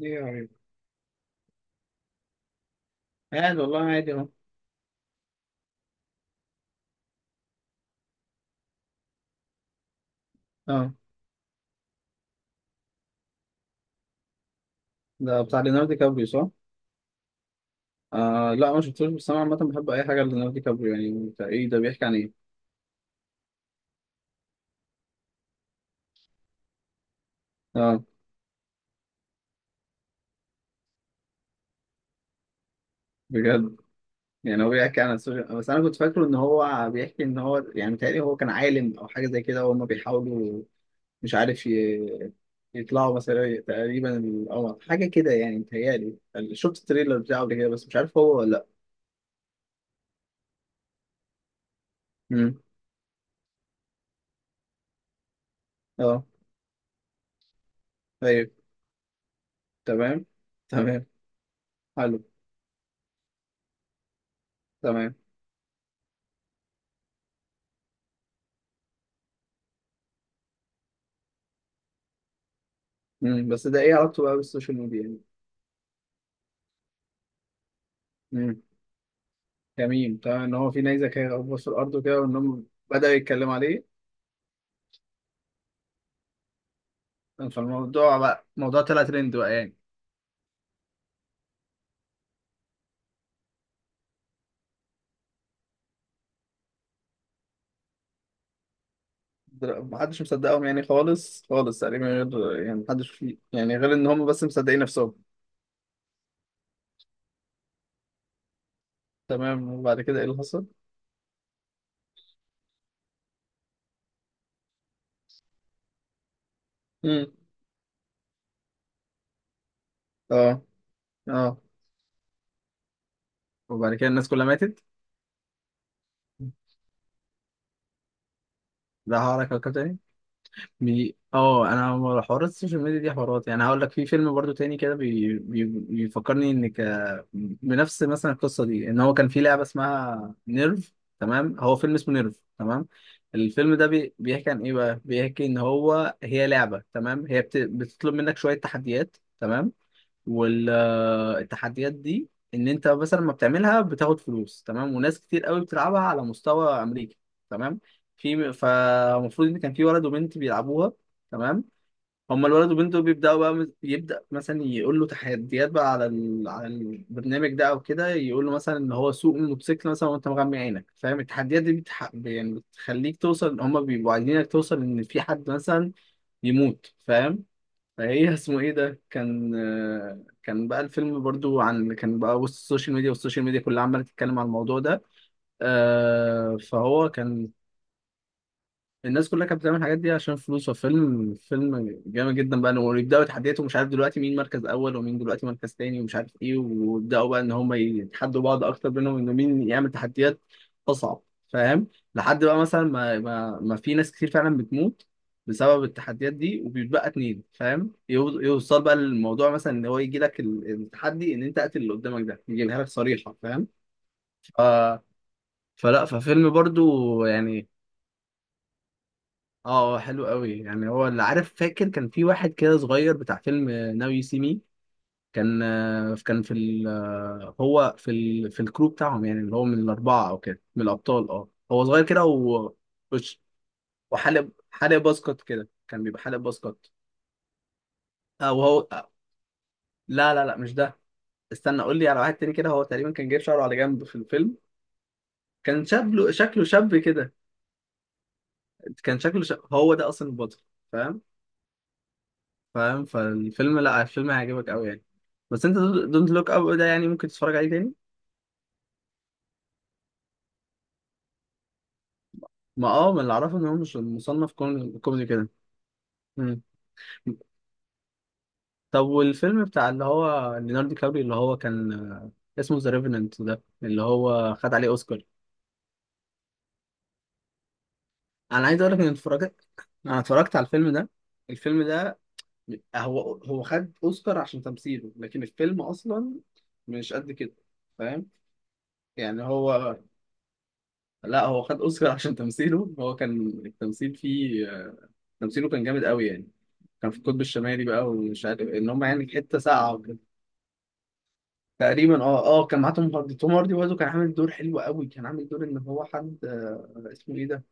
ايه يا حبيبي. عادي والله، عادي اهو. اه، ده بتاع ليوناردو دي كابريو، صح؟ آه لا ما شفتوش، بس انا عامة بحب اي حاجة ليوناردو دي كابريو، يعني بتاع ايه ده؟ بيحكي عن ايه؟ اه. بجد. يعني هو بيحكي عن السوشيال، بس انا كنت فاكره ان هو بيحكي ان هو يعني متهيألي هو كان عالم او حاجة زي كده وهم بيحاولوا مش عارف ي- يطلعوا مثلا تقريبا القمر حاجة كده يعني متهيألي. شفت التريلر بتاعه قبل كده بس مش عارف هو ولا لا. امم. اه. طيب. تمام. تمام. حلو. تمام. امم، بس ده ايه علاقته بقى بالسوشيال ميديا يعني؟ مم. جميل طبعا ان هو في نيزك هيغوص في الارض وكده وان هم بدأوا يتكلموا عليه. فالموضوع بقى، الموضوع طلع ترند بقى يعني. محدش مصدقهم يعني خالص خالص تقريبا، غير يعني محدش فيه يعني، غير ان هم بس مصدقين نفسهم. تمام، وبعد كده ايه اللي حصل؟ مم. اه. اه. وبعد كده الناس كلها ماتت. ده هقرا كوكب تاني. اه، انا حوارات السوشيال ميديا دي حوارات، يعني هقول لك في فيلم برضو تاني كده، بيفكرني ان بنفس مثلا القصه دي، ان هو كان في لعبه اسمها نيرف. تمام، هو فيلم اسمه نيرف. تمام، الفيلم ده بيحكي عن ايه بقى، بيحكي ان هو هي لعبه، تمام، هي بتطلب منك شويه تحديات، تمام. والتحديات دي ان انت مثلا لما بتعملها بتاخد فلوس، تمام، وناس كتير قوي بتلعبها على مستوى امريكا. تمام. فالمفروض ان كان في ولد وبنت بيلعبوها، تمام. هما الولد والبنت دول بيبداوا بقى يبدا مثلا يقول له تحديات بقى على على البرنامج ده او كده، يقول له مثلا ان هو سوق الموتوسيكل مثلا وانت مغمي عينك، فاهم؟ التحديات دي يعني بتخليك توصل، هما بيبقوا عايزينك توصل ان في حد مثلا يموت، فاهم؟ فايه اسمه ايه ده، كان كان بقى الفيلم برضو عن، كان بقى وسط السوشيال ميديا والسوشيال ميديا كلها عماله تتكلم عن الموضوع ده. فهو كان، الناس كلها كانت بتعمل الحاجات دي عشان فلوس، وفيلم جامد جدا بقى، ويبداوا يتحدوا مش عارف دلوقتي مين مركز اول ومين دلوقتي مركز تاني ومش عارف ايه، ويبداوا بقى ان هم يتحدوا بعض اكتر بينهم انه مين يعمل تحديات اصعب، فاهم؟ لحد بقى مثلا ما في ناس كتير فعلا بتموت بسبب التحديات دي، وبيتبقى اتنين، فاهم؟ يوصل بقى للموضوع مثلا ان هو يجي لك التحدي ان انت قتل اللي قدامك ده، يجيبها لك صريحه، فاهم؟ ف... فلا ففيلم برضو يعني. اه. حلو قوي يعني. هو اللي عارف فاكر كان في واحد كده صغير بتاع فيلم ناو يو سي مي، كان كان في ال... آه، هو في في الكرو بتاعهم، يعني اللي هو من الاربعه او كده، من الابطال، اه هو صغير كده و... وش- وحالق باسكت كده، كان بيبقى حالق باسكت. اه وهو لا لا لا مش ده. استنى قول لي على واحد تاني كده. هو تقريبا كان جايب شعره على جنب في الفيلم، كان شكله شاب كده، كان شكله شاب، هو ده اصلا البطل، فاهم؟ فاهم. فالفيلم، لا الفيلم هيعجبك قوي يعني. بس انت دونت لوك اب ده يعني ممكن تتفرج عليه تاني. ما اه ما اللي اعرفه ان هو مش مصنف كوميدي كده. مم. طب والفيلم بتاع اللي هو ليوناردو كابري، اللي هو كان اسمه ذا ريفننت، ده اللي هو خد عليه اوسكار. انا عايز اقول لك ان اتفرجت، انا اتفرجت على الفيلم ده. الفيلم ده هو خد اوسكار عشان تمثيله، لكن الفيلم اصلا مش قد كده، فاهم؟ يعني هو، لا هو خد اوسكار عشان تمثيله، هو كان التمثيل فيه، تمثيله كان جامد قوي يعني. كان في القطب الشمالي بقى ومش عارف إيه، ان هم يعني في حته ساقعه وكده. تقريبا اه. اه كان معاه توم هاردي، توم هاردي برضه كان عامل دور حلو قوي، كان عامل دور ان هو حد آه اسمه ايه ده،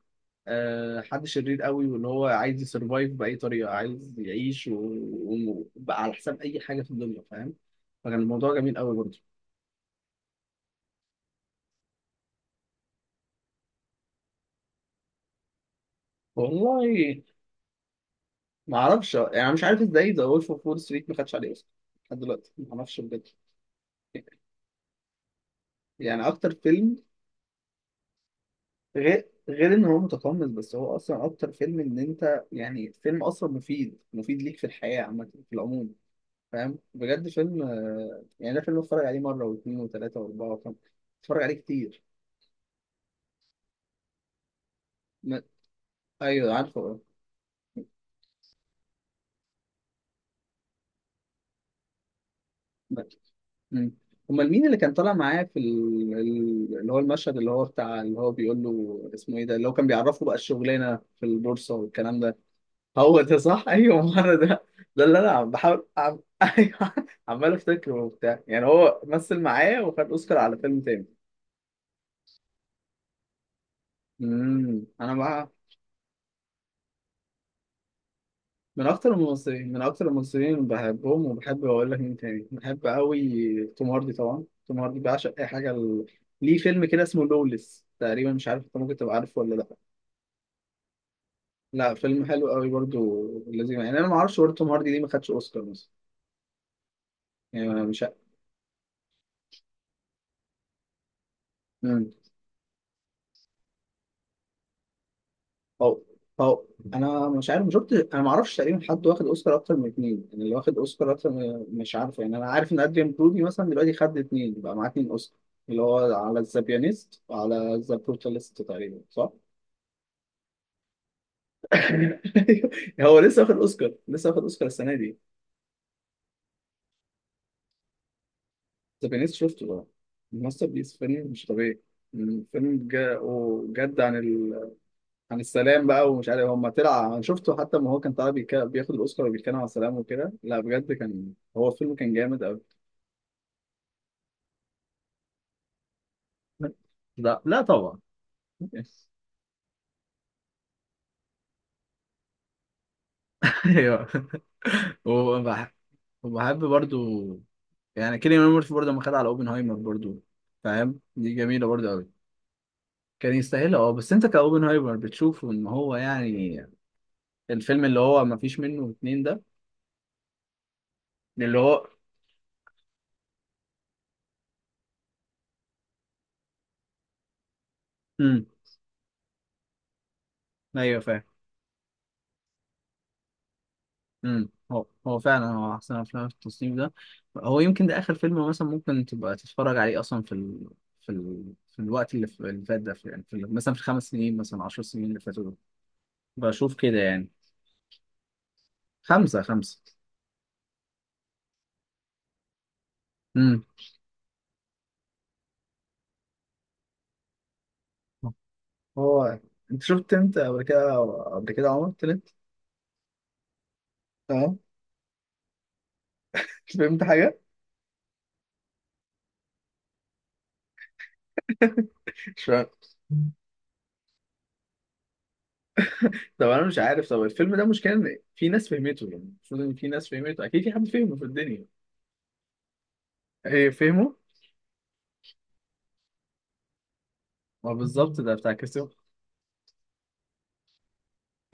آه حد شرير قوي، واللي هو عايز يسرفايف باي طريقه، عايز يعيش وبقى على حساب اي حاجه في الدنيا، فاهم؟ فكان الموضوع جميل قوي برضه. والله ما اعرفش يعني، مش عارف ازاي ذا وولف اوف وول ستريت ما خدش عليه اوسكار لحد دلوقتي، ما اعرفش بجد. يعني اكتر فيلم، غير ان هو متقمص، بس هو اصلا اكتر فيلم ان انت يعني، فيلم اصلا مفيد، ليك في الحياة عامة، في العموم، فاهم؟ بجد فيلم يعني ده فيلم اتفرج عليه مرة واثنين وثلاثة واربعة وخمسة، اتفرج عليه كتير. ما... ايوه عارفه اه. ما- مم. امال مين اللي كان طالع معاه في اللي هو المشهد اللي هو بتاع، اللي هو بيقول له اسمه ايه ده، اللي هو كان بيعرفه بقى الشغلانة في البورصة والكلام ده. هو ده، صح؟ ايوه ما انا ده، ده اللي انا عم بحاول ايوه. عمال افتكره وبتاع يعني. هو مثل معايا وخد اوسكار على فيلم تاني. امم، انا مع، من اكتر الممثلين، من اكتر الممثلين اللي بحبهم، وبحب اقول لك مين تاني بحب قوي توم هاردي، طبعا توم هاردي بعشق، اي حاجه ليه فيلم كده اسمه لوليس تقريبا، مش عارف انت ممكن تبقى عارفه ولا لا. لا فيلم حلو قوي برضو، لازم يعني. انا ما اعرفش برضه توم هاردي ليه ما خدش اوسكار مثلا. يعني أنا مش، مم. هو هو انا مش عارف، مش شفت، انا ما اعرفش تقريبا حد واخد اوسكار اكتر من اتنين، يعني اللي واخد اوسكار مش عارف يعني. انا عارف ان ادريان برودي مثلا دلوقتي خد اتنين، بقى معاه اتنين اوسكار، اللي هو على ذا بيانيست وعلى ذا بروتاليست تقريبا، صح؟ هو لسه واخد اوسكار، لسه واخد اوسكار السنه دي. ذا بيانيست شفته بقى، ماستر بيس، فيلم مش طبيعي. مم، فيلم بجد عن، عن السلام بقى، ومش عارف هم طلع، انا شفته حتى ما هو كان طالع بياخد الاوسكار وبيتكلم عن السلام وكده، لا بجد كان هو الفيلم كان جامد قوي. لا لا طبعا. ايوه. وبح- وبحب برضو يعني كيليان ميرفي برضو لما خد على اوبنهايمر برضو، فاهم؟ دي جميله برضو قوي. كان يستاهل اه. بس انت كاوبنهايمر بتشوف ان هو يعني الفيلم اللي هو ما فيش منه اتنين ده، اللي هو. امم. ايوه فاهم. امم، هو فعلا هو احسن افلام في التصنيف ده، هو يمكن ده اخر فيلم مثلا ممكن تبقى تتفرج عليه اصلا في في الوقت اللي اللي فات ده، يعني مثلا في 5 سنين، مثلا 10 سنين اللي فاتوا دول، بشوف كده يعني. خمسة خمسة. امم. هو انت شفت، انت قبل كده، قبل كده عمر تلت، اه. مش فهمت حاجة؟ مش فاهم. طب انا مش عارف، طب الفيلم ده مش كان في ناس فهمته؟ يعني المفروض ان في ناس فهمته، اكيد في حد فهمه في الدنيا. ايه فهمه؟ ما بالظبط ده بتاع كريستوفر.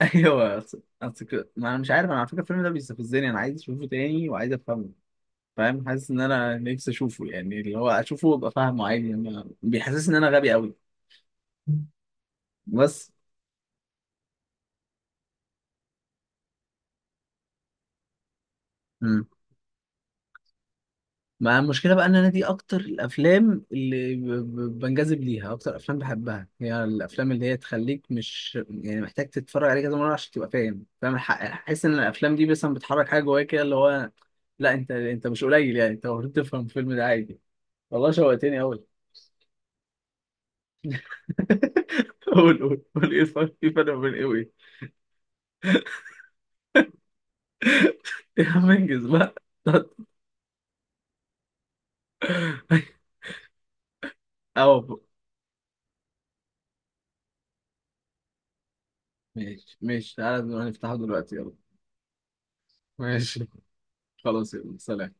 ايوه، أصل أصل ما انا مش عارف، انا على فكره الفيلم ده بيستفزني، انا عايز اشوفه تاني وعايز افهمه، فاهم؟ حاسس ان انا نفسي اشوفه يعني، اللي هو اشوفه وابقى فاهمه عادي، بيحسسني ان انا غبي قوي بس. مم. ما المشكله بقى ان انا دي اكتر الافلام اللي بنجذب ليها، اكتر افلام بحبها هي الافلام اللي هي تخليك مش يعني محتاج تتفرج عليها كذا مره عشان تبقى فاهم، فاهم الحق. احس ان الافلام دي مثلا بتحرك حاجه جواك كده، اللي هو، لا انت، انت مش قليل يعني، انت المفروض تفهم الفيلم ده عادي. والله شوقتني قوي. قول قول قول، ايه الفرق؟ في فرق بين ايه وايه؟ إيه يا عم انجز بقى. اه ماشي ماشي، تعالى نفتحه دلوقتي يلا. ماشي. خلاص يلا سلام.